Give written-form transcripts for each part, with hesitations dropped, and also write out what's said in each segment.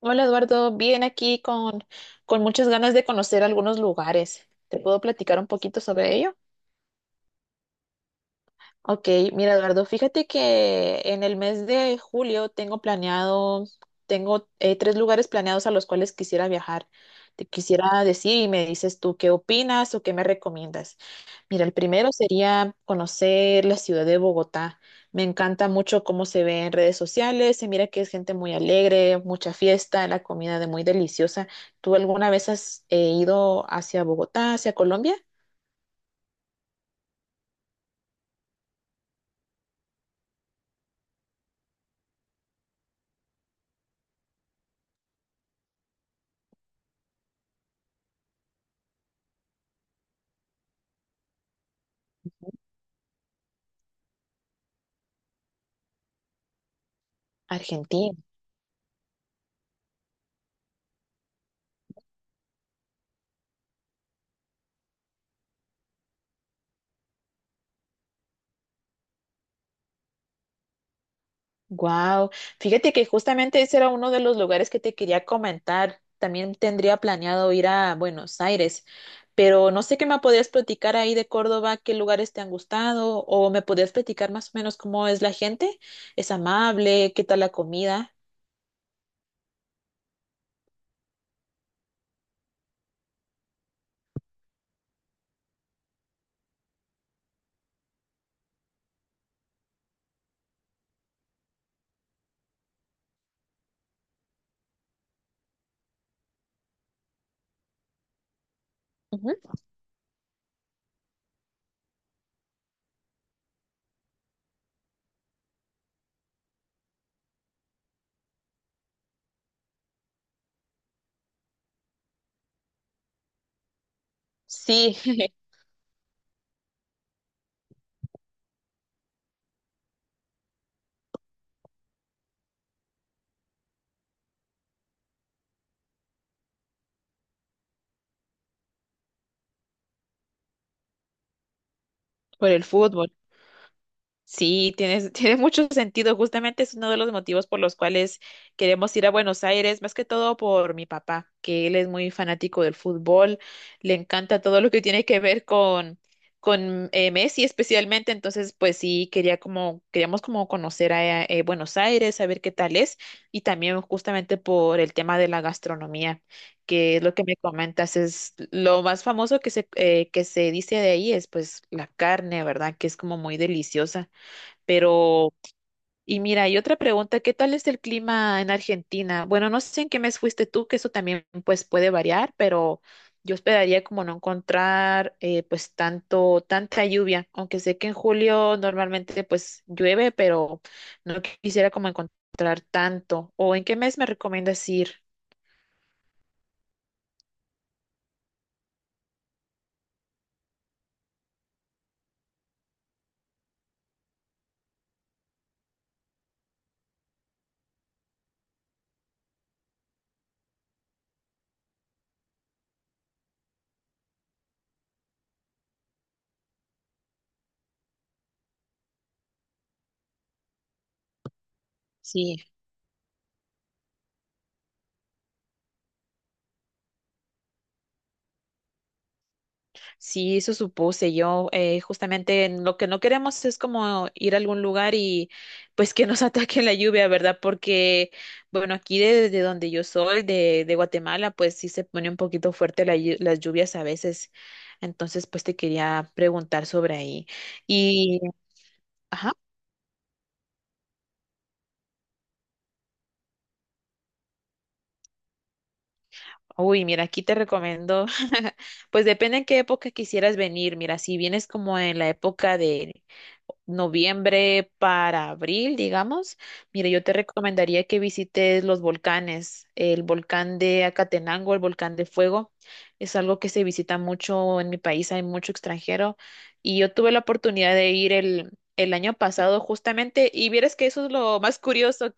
Hola Eduardo, bien aquí con muchas ganas de conocer algunos lugares. ¿Te puedo platicar un poquito sobre ello? Ok, mira Eduardo, fíjate que en el mes de julio tengo planeado, tengo tres lugares planeados a los cuales quisiera viajar. Te quisiera decir y me dices tú qué opinas o qué me recomiendas. Mira, el primero sería conocer la ciudad de Bogotá. Me encanta mucho cómo se ve en redes sociales. Se mira que es gente muy alegre, mucha fiesta, la comida de muy deliciosa. ¿Tú alguna vez has ido hacia Bogotá, hacia Colombia? Argentina. Wow, fíjate que justamente ese era uno de los lugares que te quería comentar. También tendría planeado ir a Buenos Aires, pero no sé qué me podías platicar ahí de Córdoba, qué lugares te han gustado o me podías platicar más o menos cómo es la gente, es amable, qué tal la comida. Ujú. Sí, por el fútbol. Sí, tienes, tiene mucho sentido. Justamente es uno de los motivos por los cuales queremos ir a Buenos Aires, más que todo por mi papá, que él es muy fanático del fútbol, le encanta todo lo que tiene que ver con Messi especialmente. Entonces, pues sí, queríamos como conocer a Buenos Aires, saber qué tal es, y también justamente por el tema de la gastronomía, que es lo que me comentas, es lo más famoso que se dice de ahí es pues la carne, ¿verdad? Que es como muy deliciosa. Pero, y mira, y otra pregunta, ¿qué tal es el clima en Argentina? Bueno, no sé en qué mes fuiste tú, que eso también pues puede variar, pero yo esperaría como no encontrar pues tanta lluvia, aunque sé que en julio normalmente pues llueve, pero no quisiera como encontrar tanto. ¿O en qué mes me recomiendas ir? Sí. Sí, eso supuse yo. Justamente en lo que no queremos es como ir a algún lugar y pues que nos ataque la lluvia, ¿verdad? Porque, bueno, aquí de donde yo soy, de Guatemala, pues sí se pone un poquito fuerte la las lluvias a veces. Entonces, pues te quería preguntar sobre ahí. Y, ajá. Uy, mira, aquí te recomiendo, pues depende en qué época quisieras venir. Mira, si vienes como en la época de noviembre para abril, digamos, mira, yo te recomendaría que visites los volcanes, el volcán de Acatenango, el volcán de Fuego. Es algo que se visita mucho en mi país, hay mucho extranjero y yo tuve la oportunidad de ir el año pasado justamente y vieras que eso es lo más curioso,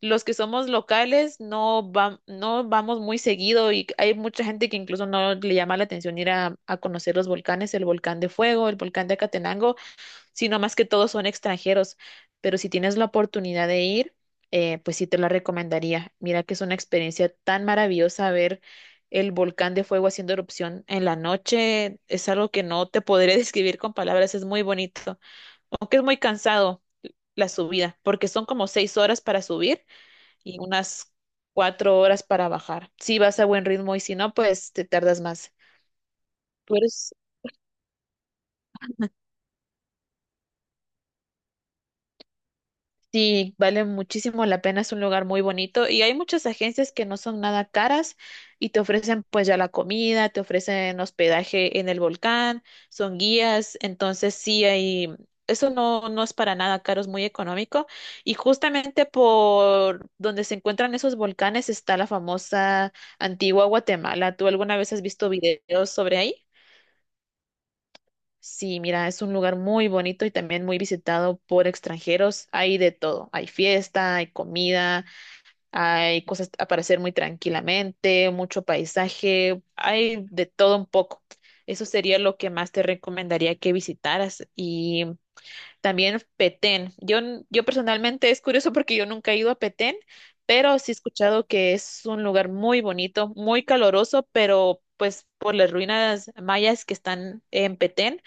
los que somos locales no, no vamos muy seguido y hay mucha gente que incluso no le llama la atención ir a conocer los volcanes, el volcán de Fuego, el volcán de Acatenango, sino más que todos son extranjeros. Pero si tienes la oportunidad de ir, pues sí te la recomendaría. Mira que es una experiencia tan maravillosa ver el volcán de Fuego haciendo erupción en la noche. Es algo que no te podré describir con palabras, es muy bonito, aunque es muy cansado la subida, porque son como seis horas para subir y unas cuatro horas para bajar. Si vas a buen ritmo y si no, pues te tardas más. Pero es- sí, vale muchísimo la pena, es un lugar muy bonito y hay muchas agencias que no son nada caras y te ofrecen pues ya la comida, te ofrecen hospedaje en el volcán, son guías, entonces sí hay... Eso no es para nada caro, es muy económico. Y justamente por donde se encuentran esos volcanes está la famosa Antigua Guatemala. ¿Tú alguna vez has visto videos sobre ahí? Sí, mira, es un lugar muy bonito y también muy visitado por extranjeros. Hay de todo. Hay fiesta, hay comida, hay cosas para hacer muy tranquilamente, mucho paisaje, hay de todo un poco. Eso sería lo que más te recomendaría que visitaras. Y también Petén. Yo personalmente es curioso porque yo nunca he ido a Petén, pero sí he escuchado que es un lugar muy bonito, muy caloroso, pero pues por las ruinas mayas que están en Petén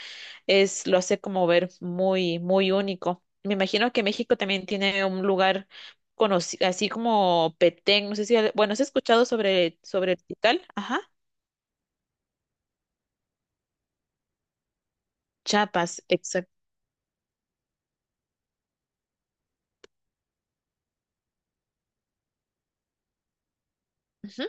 es, lo hace como ver muy, muy único. Me imagino que México también tiene un lugar conocido, así como Petén, no sé si, bueno, ¿has escuchado sobre el Tikal? Ajá, Chiapas, exacto. Ujú,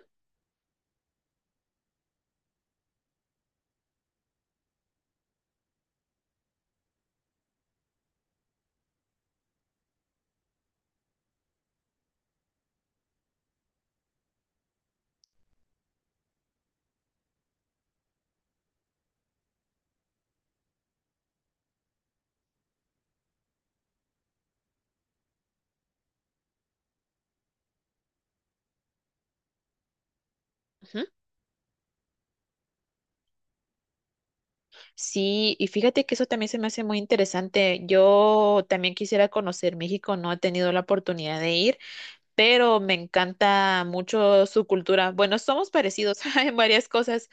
ujú. Sí, y fíjate que eso también se me hace muy interesante. Yo también quisiera conocer México, no he tenido la oportunidad de ir, pero me encanta mucho su cultura. Bueno, somos parecidos en varias cosas.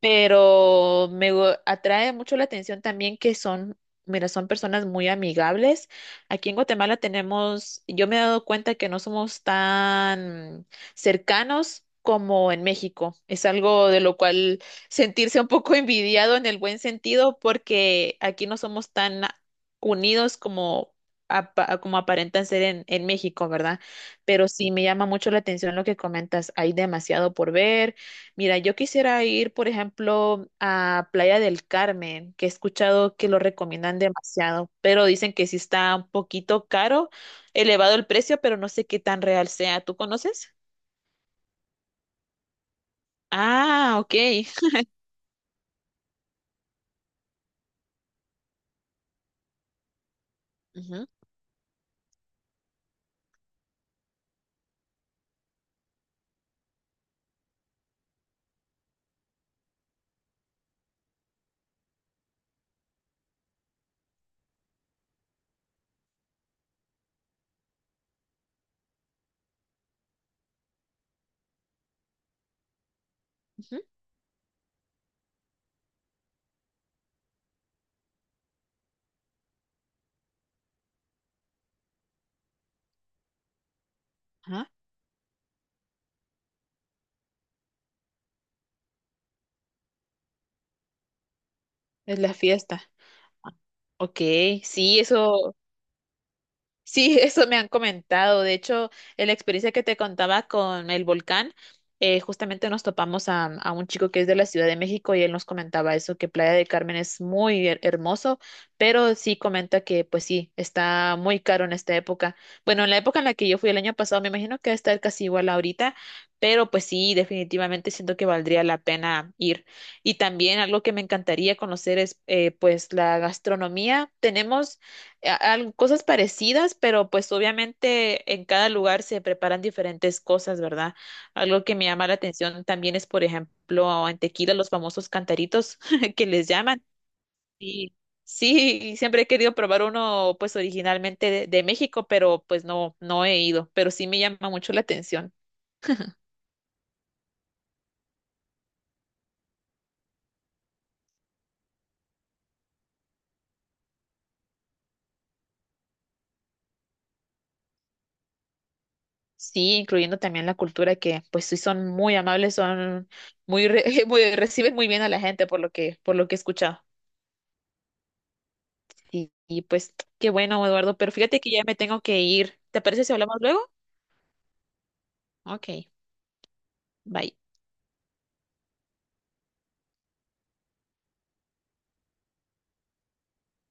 Atrae mucho la atención también que son, mira, son personas muy amigables. Aquí en Guatemala tenemos, yo me he dado cuenta que no somos tan cercanos como en México. Es algo de lo cual sentirse un poco envidiado en el buen sentido, porque aquí no somos tan unidos como... Como aparentan ser en México, ¿verdad? Pero sí me llama mucho la atención lo que comentas. Hay demasiado por ver. Mira, yo quisiera ir, por ejemplo, a Playa del Carmen, que he escuchado que lo recomiendan demasiado, pero dicen que sí está un poquito caro, elevado el precio, pero no sé qué tan real sea. ¿Tú conoces? Ah, ok. Ujú, ujú, ajá, es la fiesta. Ah, ok, sí, eso. Sí, eso me han comentado. De hecho, en la experiencia que te contaba con el volcán, justamente nos topamos a un chico que es de la Ciudad de México y él nos comentaba eso, que Playa del Carmen es muy hermoso, pero sí comenta que, pues sí, está muy caro en esta época. Bueno, en la época en la que yo fui el año pasado, me imagino que va a estar casi igual ahorita, pero pues sí, definitivamente siento que valdría la pena ir. Y también algo que me encantaría conocer es, pues, la gastronomía. Tenemos cosas parecidas, pero pues obviamente en cada lugar se preparan diferentes cosas, ¿verdad? Algo que me llama la atención también es, por ejemplo, en tequila los famosos cantaritos que les llaman. Y sí, y siempre he querido probar uno pues originalmente de México, pero pues no he ido, pero sí me llama mucho la atención. Sí, incluyendo también la cultura que pues sí son muy amables, son muy, re- muy reciben muy bien a la gente por lo que he escuchado. Y pues qué bueno, Eduardo, pero fíjate que ya me tengo que ir. ¿Te parece si hablamos luego? Ok, bye.